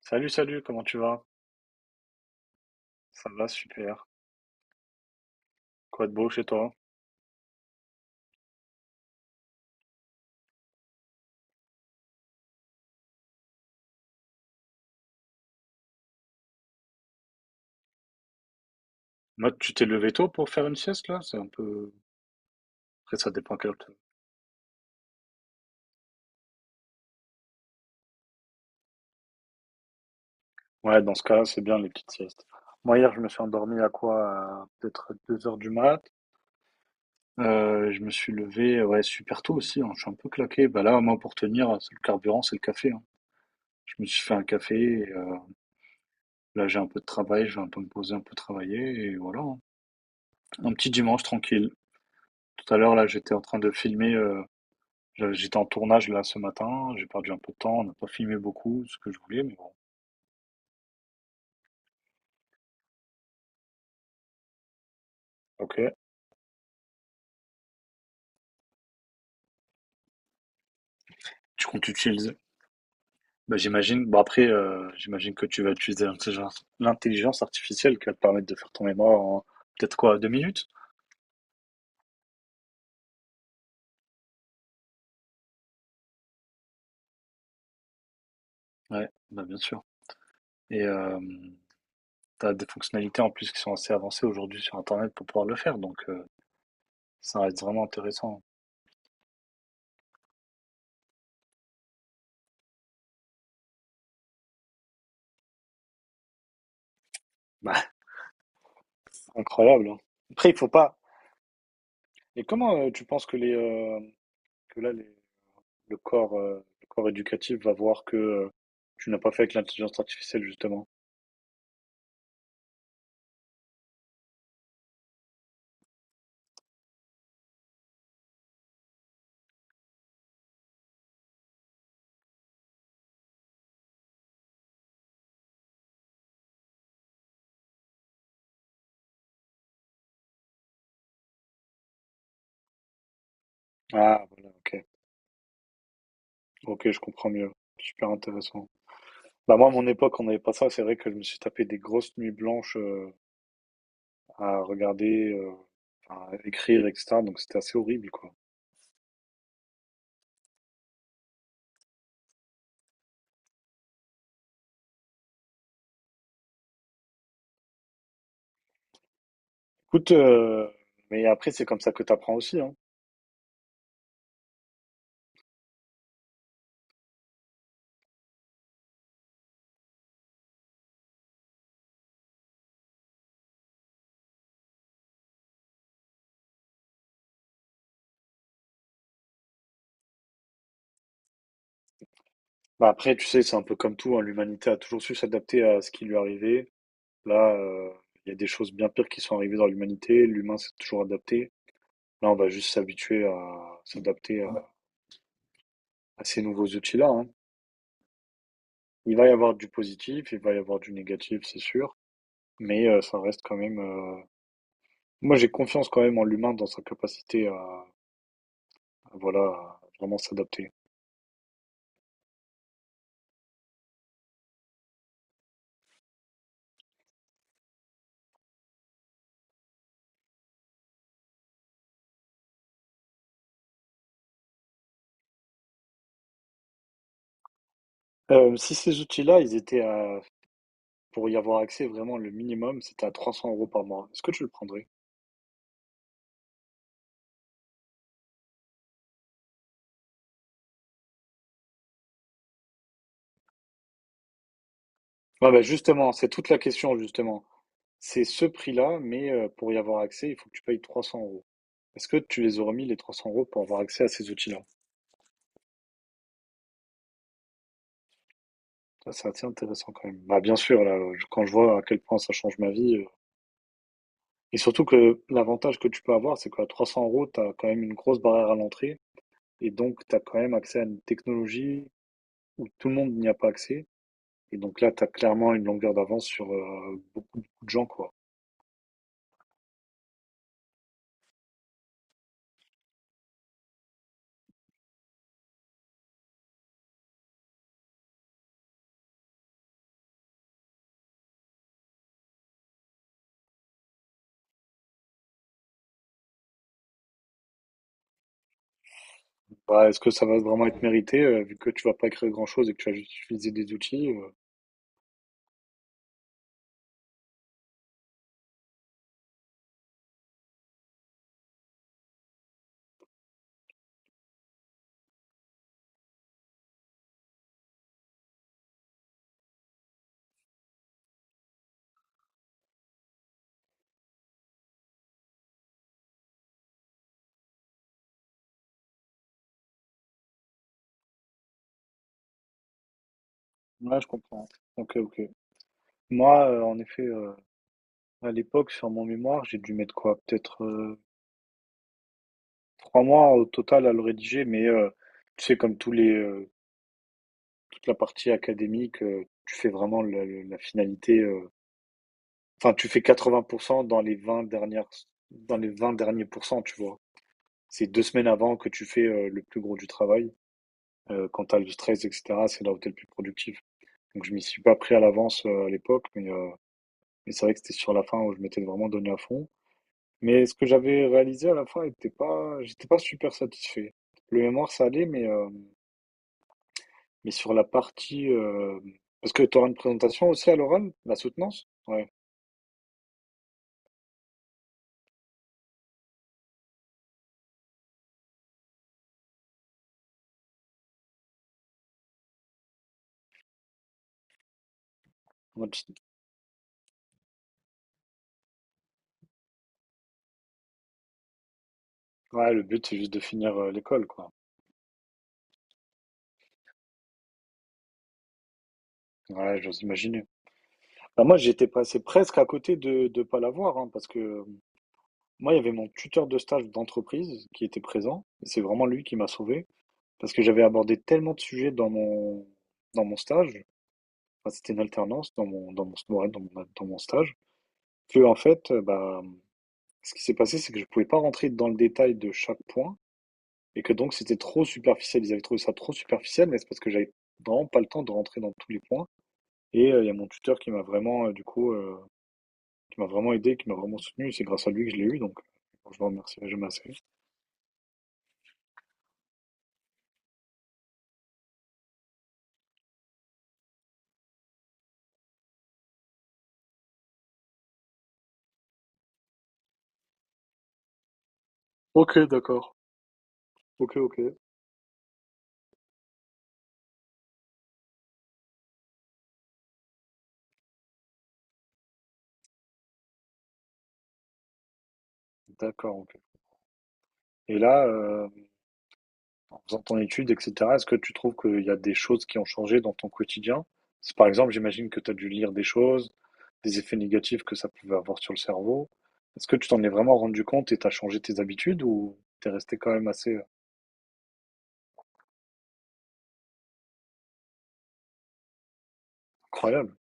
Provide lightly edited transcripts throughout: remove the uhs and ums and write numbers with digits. Salut, salut, comment tu vas? Ça va, super. Quoi de beau chez toi? Moi, tu t'es levé tôt pour faire une sieste là? C'est un peu. Après, ça dépend quelle heure. Ouais, dans ce cas, c'est bien les petites siestes. Moi, hier, je me suis endormi à quoi? À peut-être 2 heures du mat. Je me suis levé, ouais, super tôt aussi, hein. Je suis un peu claqué. Bah là, moi, pour tenir, c'est le carburant, c'est le café, hein. Je me suis fait un café. Et là, j'ai un peu de travail. Je vais un peu me poser, un peu travailler. Et voilà, hein. Un petit dimanche tranquille. Tout à l'heure, là, j'étais en train de filmer. J'étais en tournage là ce matin, j'ai perdu un peu de temps, on n'a pas filmé beaucoup ce que je voulais, mais bon. Ok. Tu comptes utiliser? Bah, j'imagine. Bon après, j'imagine que tu vas utiliser l'intelligence artificielle qui va te permettre de faire ton mémoire en peut-être quoi, 2 minutes? Ouais, bah bien sûr. Et t'as des fonctionnalités en plus qui sont assez avancées aujourd'hui sur Internet pour pouvoir le faire, donc ça reste vraiment intéressant. Bah, c'est incroyable, hein. Après, il faut pas. Et comment tu penses que les que là les le corps éducatif va voir que tu n'as pas fait avec l'intelligence artificielle, justement. Ah, voilà, ok. Ok, je comprends mieux. Super intéressant. Bah, moi, à mon époque, on n'avait pas ça. C'est vrai que je me suis tapé des grosses nuits blanches à regarder, à écrire, etc. Donc, c'était assez horrible, quoi. Écoute, mais après, c'est comme ça que tu apprends aussi, hein. Bah, après, tu sais, c'est un peu comme tout, hein. L'humanité a toujours su s'adapter à ce qui lui arrivait. Là, il y a des choses bien pires qui sont arrivées dans l'humanité. L'humain s'est toujours adapté. Là, on va juste s'habituer à s'adapter à ces nouveaux outils-là, hein. Il va y avoir du positif, il va y avoir du négatif, c'est sûr, mais ça reste quand même. Moi, j'ai confiance quand même en l'humain dans sa capacité à, voilà, à vraiment s'adapter. Si ces outils-là, ils étaient pour y avoir accès vraiment le minimum, c'était à 300 € par mois. Est-ce que tu le prendrais? Ouais, bah justement, c'est toute la question, justement. C'est ce prix-là, mais pour y avoir accès, il faut que tu payes 300 euros. Est-ce que tu les aurais mis les 300 € pour avoir accès à ces outils-là? Ça, c'est assez intéressant quand même. Bah, bien sûr, là, quand je vois à quel point ça change ma vie. Et surtout que l'avantage que tu peux avoir, c'est qu'à 300 euros, tu as quand même une grosse barrière à l'entrée. Et donc, tu as quand même accès à une technologie où tout le monde n'y a pas accès. Et donc là, tu as clairement une longueur d'avance sur beaucoup, beaucoup de gens, quoi. Bah, est-ce que ça va vraiment être mérité, vu que tu vas pas créer grand-chose et que tu vas juste utiliser des outils? Ouais, je comprends. Ok, ok. Moi, en effet, à l'époque, sur mon mémoire, j'ai dû mettre quoi? Peut-être 3 mois au total à le rédiger, mais tu sais, comme tous les, toute la partie académique, tu fais vraiment la finalité. Enfin, tu fais 80% dans les 20 derniers pourcents, tu vois. C'est 2 semaines avant que tu fais le plus gros du travail. Quand t'as le stress, etc., c'est là où t'es le plus productif. Donc, je m'y suis pas pris à l'avance à l'époque, mais c'est vrai que c'était sur la fin où je m'étais vraiment donné à fond. Mais ce que j'avais réalisé à la fin était pas, j'étais pas super satisfait. Le mémoire, ça allait, mais sur la partie, parce que tu auras une présentation aussi à l'oral? La soutenance? Ouais. Ouais, le but, c'est juste de finir, l'école, quoi. Ouais, j'ose imaginer. Bah, moi, j'étais passé presque à côté de pas l'avoir, hein, parce que, moi, il y avait mon tuteur de stage d'entreprise qui était présent et c'est vraiment lui qui m'a sauvé parce que j'avais abordé tellement de sujets dans mon stage, enfin, c'était une alternance dans mon ouais, dans mon al dans mon stage qu'en fait, bah, ce qui s'est passé, c'est que je pouvais pas rentrer dans le détail de chaque point. Et que donc c'était trop superficiel, ils avaient trouvé ça trop superficiel, mais c'est parce que j'avais vraiment pas le temps de rentrer dans tous les points. Et il y a mon tuteur qui m'a vraiment, du coup, qui m'a vraiment aidé, qui m'a vraiment soutenu. C'est grâce à lui que je l'ai eu, donc je le remercierai jamais assez. OK, d'accord. OK, OK. D'accord, OK. Et là, en faisant ton étude, etc. Est-ce que tu trouves qu'il y a des choses qui ont changé dans ton quotidien? Par exemple, j'imagine que tu as dû lire des choses, des effets négatifs que ça pouvait avoir sur le cerveau. Est-ce que tu t'en es vraiment rendu compte et t'as changé tes habitudes ou t'es resté quand même assez incroyable?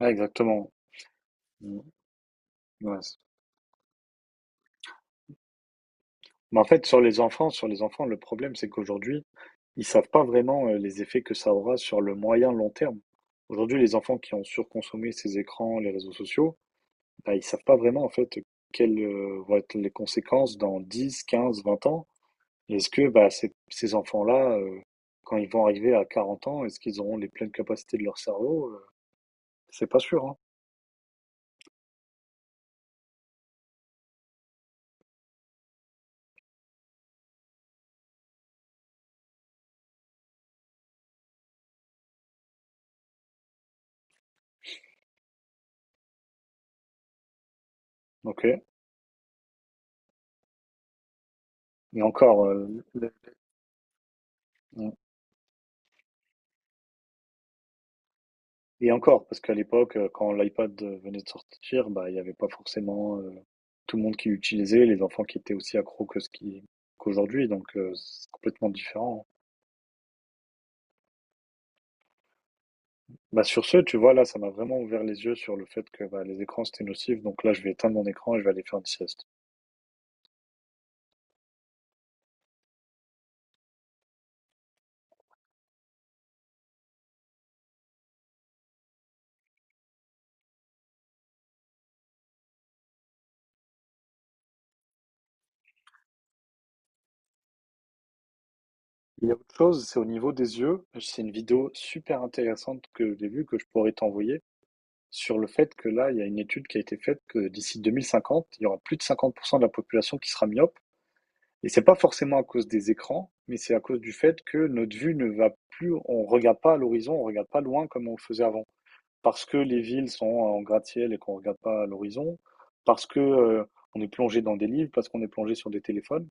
Ouais, exactement. Mm, ouais, Mais en fait, sur les enfants, le problème, c'est qu'aujourd'hui, ils savent pas vraiment les effets que ça aura sur le moyen long terme. Aujourd'hui, les enfants qui ont surconsommé ces écrans, les réseaux sociaux, bah, ils ne savent pas vraiment en fait quelles vont être les conséquences dans 10, 15, 20 ans. Est-ce que bah, ces enfants-là, quand ils vont arriver à 40 ans, est-ce qu'ils auront les pleines capacités de leur cerveau? C'est pas sûr, hein. Ok. Et encore, euh, le- et encore, parce qu'à l'époque, quand l'iPad venait de sortir, bah, il n'y avait pas forcément tout le monde qui l'utilisait, les enfants qui étaient aussi accros que ce qui qu'aujourd'hui, donc c'est complètement différent, hein. Bah, sur ce, tu vois, là, ça m'a vraiment ouvert les yeux sur le fait que bah, les écrans, c'était nocif. Donc là, je vais éteindre mon écran et je vais aller faire une sieste. Il y a autre chose, c'est au niveau des yeux. C'est une vidéo super intéressante que j'ai vue, que je pourrais t'envoyer, sur le fait que là, il y a une étude qui a été faite que d'ici 2050, il y aura plus de 50% de la population qui sera myope. Et c'est pas forcément à cause des écrans, mais c'est à cause du fait que notre vue ne va plus, on regarde pas à l'horizon, on regarde pas loin comme on le faisait avant. Parce que les villes sont en gratte-ciel et qu'on regarde pas à l'horizon, parce que on est plongé dans des livres, parce qu'on est plongé sur des téléphones,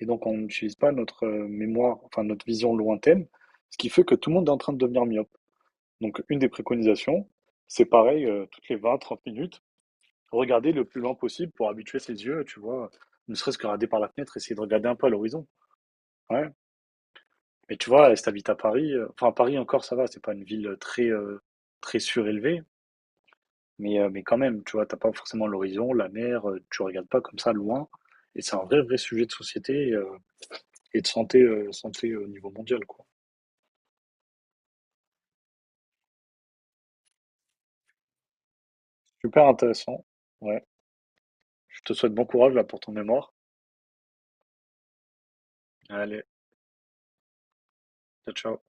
et donc on n'utilise pas notre mémoire, enfin notre vision lointaine, ce qui fait que tout le monde est en train de devenir myope. Donc une des préconisations, c'est pareil, toutes les 20, 30 minutes, regarder le plus loin possible pour habituer ses yeux, tu vois, ne serait-ce que regarder par la fenêtre, essayer de regarder un peu à l'horizon. Ouais, mais tu vois, si t'habites à Paris, enfin Paris encore ça va, c'est pas une ville très très surélevée, mais quand même, tu vois, t'as pas forcément l'horizon, la mer, tu regardes pas comme ça loin, et c'est un vrai vrai sujet de société et de santé au niveau mondial quoi. Super intéressant. Ouais. Je te souhaite bon courage là pour ton mémoire. Allez, ciao ciao.